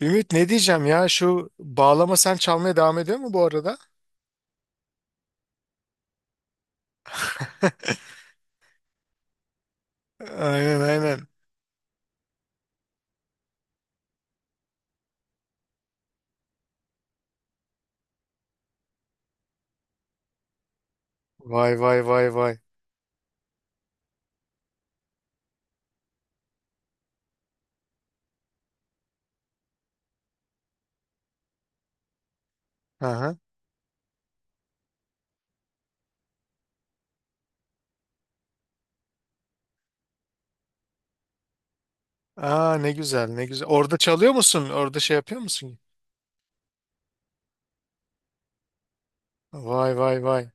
Ümit, ne diyeceğim ya, şu bağlama, sen çalmaya devam ediyor mu bu arada? Aynen, aynen. Vay vay vay vay. Aha. Aa, ne güzel, ne güzel. Orada çalıyor musun? Orada şey yapıyor musun? Vay vay vay.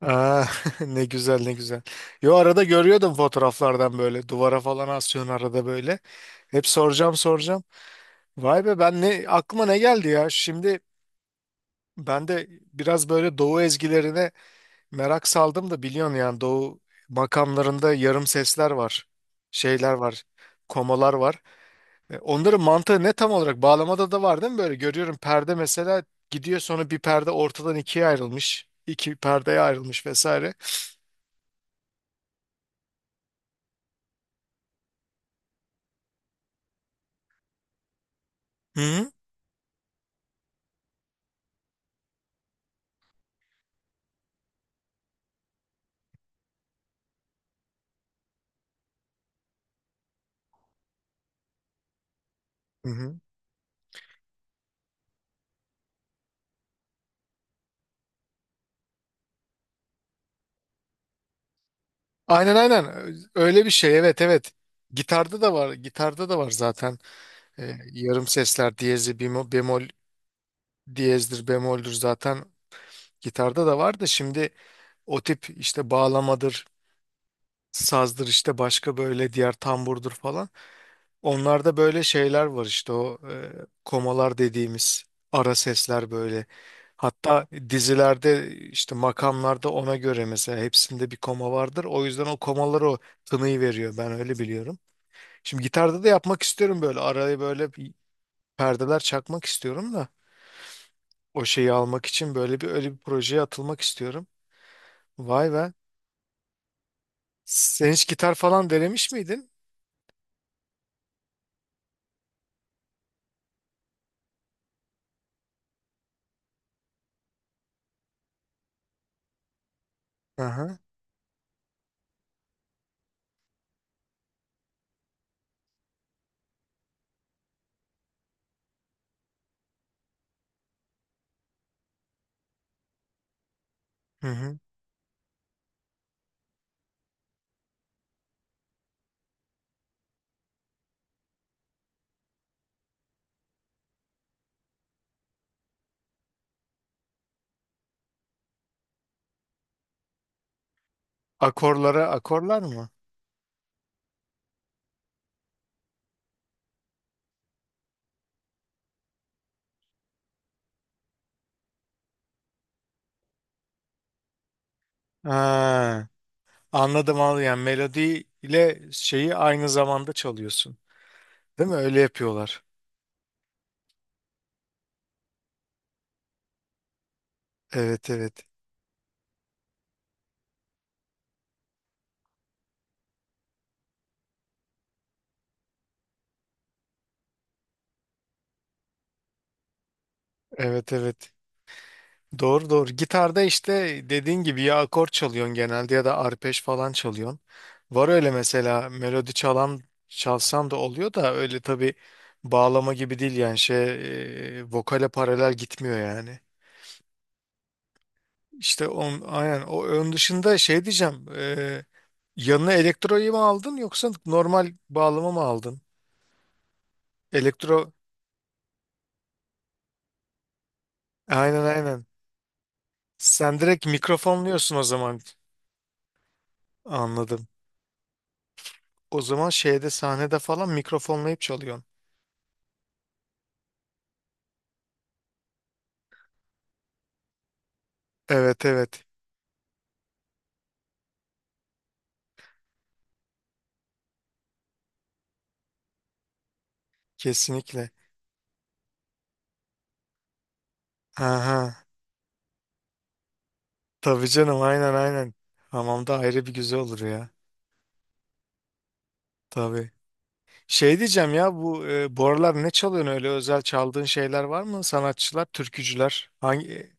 Aa, ne güzel, ne güzel. Yo, arada görüyordum fotoğraflardan, böyle duvara falan asıyorsun arada, böyle. Hep soracağım, soracağım. Vay be, ben ne aklıma ne geldi ya? Şimdi ben de biraz böyle doğu ezgilerine merak saldım da, biliyorsun yani, doğu makamlarında yarım sesler var. Şeyler var. Komalar var. Onların mantığı ne tam olarak? Bağlamada da var değil mi böyle? Görüyorum, perde mesela gidiyor, sonra bir perde ortadan ikiye ayrılmış. İki perdeye ayrılmış vesaire. Hı hı. Hı hı. Aynen, aynen. Öyle bir şey. Evet, evet. Gitarda da var. Gitarda da var zaten. Yarım sesler diyezi, bemol, bemol, diyezdir, bemoldür zaten. Gitarda da var da, şimdi o tip işte, bağlamadır, sazdır işte, başka böyle diğer, tamburdur falan. Onlarda böyle şeyler var işte, o komalar dediğimiz ara sesler böyle. Hatta dizilerde işte, makamlarda ona göre mesela hepsinde bir koma vardır. O yüzden o komalar o tınıyı veriyor, ben öyle biliyorum. Şimdi gitarda da yapmak istiyorum böyle, araya böyle bir perdeler çakmak istiyorum da, o şeyi almak için böyle bir, öyle bir projeye atılmak istiyorum. Vay be. Sen hiç gitar falan denemiş miydin? Aha. Hı hı. Akorlara, akorlar mı? Ha, anladım. Al yani, melodi ile şeyi aynı zamanda çalıyorsun. Değil mi? Öyle yapıyorlar. Evet, evet. Evet, evet. Doğru, doğru. Gitarda işte, dediğin gibi ya akor çalıyorsun genelde, ya da arpej falan çalıyorsun. Var öyle mesela melodi çalan, çalsam da oluyor da, öyle tabii bağlama gibi değil yani, şey, vokale paralel gitmiyor yani. İşte on, aynen, o ön dışında şey diyeceğim, yanına elektroyu mu aldın yoksa normal bağlama mı aldın? Elektro, aynen, aynen. Sen direkt mikrofonluyorsun o zaman. Anladım. O zaman şeyde, sahnede falan mikrofonlayıp çalıyorsun. Evet, evet. Kesinlikle. Aha. Tabii canım, aynen, aynen. Hamamda ayrı bir güzel olur ya. Tabii. Şey diyeceğim ya, bu bu aralar ne çalıyorsun? Öyle özel çaldığın şeyler var mı? Sanatçılar, türkücüler. Hangi?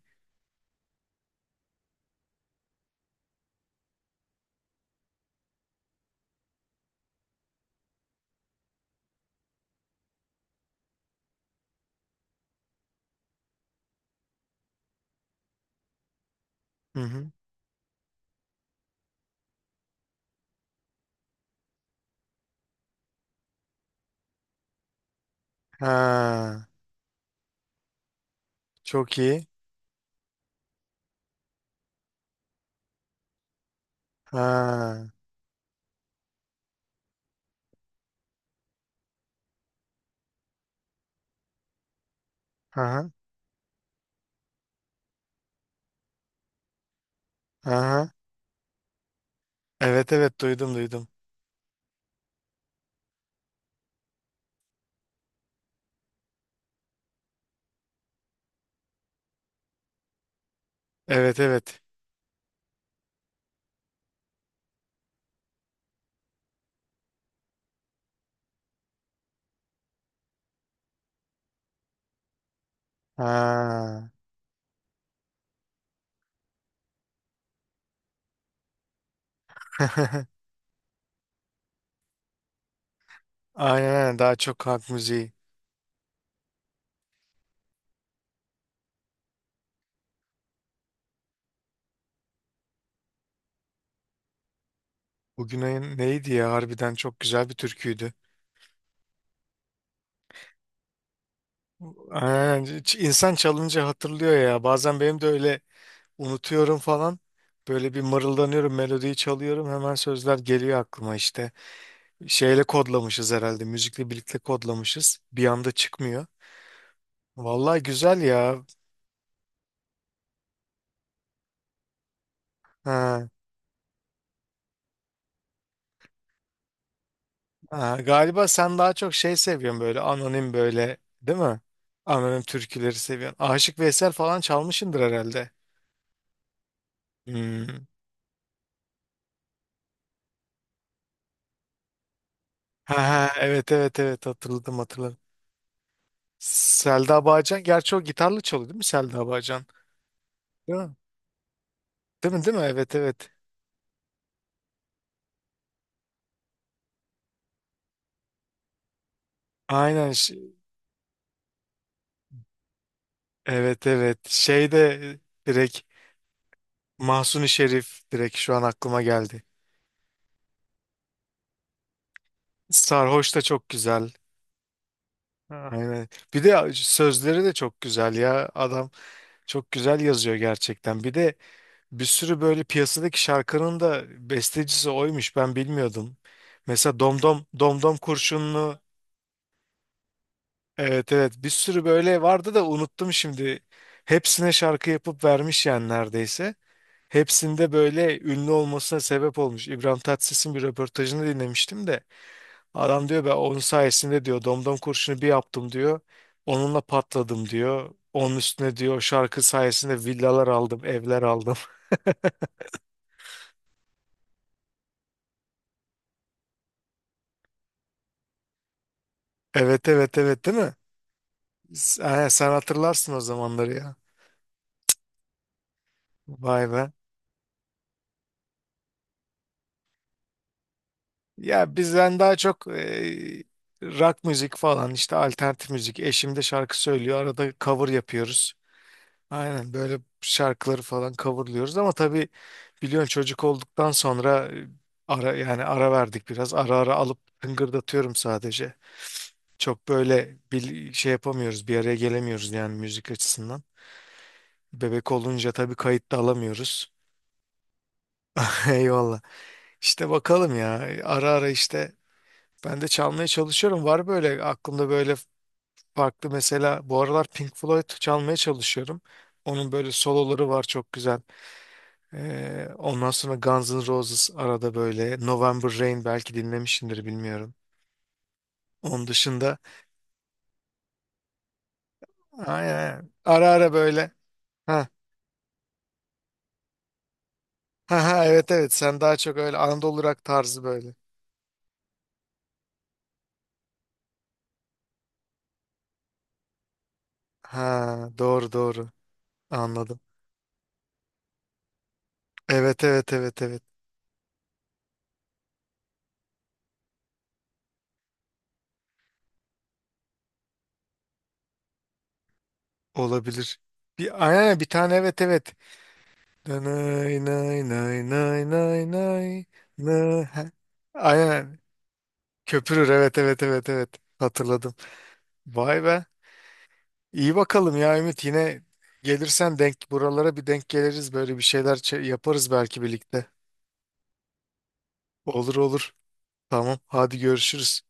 Hı hı. Ha, çok iyi. Ha. Aha. Aha. Evet evet, duydum, duydum. Evet, evet. Ha. Aynen, aynen, daha çok halk müziği. Bugünün neydi ya, harbiden çok güzel bir türküydü. Aynen, insan çalınca hatırlıyor ya bazen, benim de öyle, unutuyorum falan. Böyle bir mırıldanıyorum, melodiyi çalıyorum, hemen sözler geliyor aklıma işte. Şeyle kodlamışız herhalde, müzikle birlikte kodlamışız. Bir anda çıkmıyor. Vallahi güzel ya. Ha. Ha, galiba sen daha çok şey seviyorsun böyle, anonim, böyle değil mi? Anonim türküleri seviyorsun. Aşık Veysel falan çalmışındır herhalde. Hmm. Ha, ha, evet evet evet, hatırladım, hatırladım. Selda Bağcan, gerçi o gitarla çalıyor değil mi, Selda Bağcan? Değil mi? Değil mi, değil mi? Evet, evet. Aynen, evet, evet. Şey de direkt Mahsuni Şerif direkt şu an aklıma geldi. Sarhoş da çok güzel. Aynen. Bir de sözleri de çok güzel ya, adam. Çok güzel yazıyor gerçekten. Bir de bir sürü böyle piyasadaki şarkının da bestecisi oymuş. Ben bilmiyordum. Mesela Domdom, Domdom Kurşunlu. Evet, evet. Bir sürü böyle vardı da unuttum şimdi. Hepsine şarkı yapıp vermiş yani neredeyse. Hepsinde böyle ünlü olmasına sebep olmuş. İbrahim Tatlıses'in bir röportajını dinlemiştim de. Adam diyor, ben onun sayesinde diyor, Domdom Kurşunu bir yaptım diyor. Onunla patladım diyor. Onun üstüne diyor, o şarkı sayesinde villalar aldım, evler aldım. Evet evet evet, değil mi? Ha, sen hatırlarsın o zamanları ya. Vay be. Ya bizden daha çok rock müzik falan işte, alternatif müzik. Eşim de şarkı söylüyor. Arada cover yapıyoruz. Aynen, böyle şarkıları falan coverlıyoruz ama tabii biliyorsun, çocuk olduktan sonra ara, yani ara verdik biraz. Ara ara alıp tıngırdatıyorum sadece. Çok böyle bir şey yapamıyoruz, bir araya gelemiyoruz yani müzik açısından. Bebek olunca tabii kayıt da alamıyoruz. Eyvallah. İşte bakalım ya, ara ara işte ben de çalmaya çalışıyorum. Var böyle aklımda böyle farklı, mesela bu aralar Pink Floyd çalmaya çalışıyorum. Onun böyle soloları var, çok güzel. Ondan sonra Guns N' Roses, arada böyle November Rain, belki dinlemişsindir, bilmiyorum. Onun dışında aynen, ara ara böyle, ha ha ha, evet evet, sen daha çok öyle Anadolu rock tarzı böyle. Ha, doğru, doğru, anladım. Evet evet evet evet, olabilir. Bir aynen, bir tane, evet, evet. Nanay nay nay nay nay nay, ha. Aynen, köpürür, evet evet evet evet, hatırladım. Vay be. İyi bakalım ya Ümit, yine gelirsen denk, buralara bir denk geliriz, böyle bir şeyler yaparız belki birlikte. Olur, olur. Tamam, hadi görüşürüz.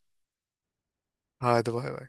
Hadi, bay bay.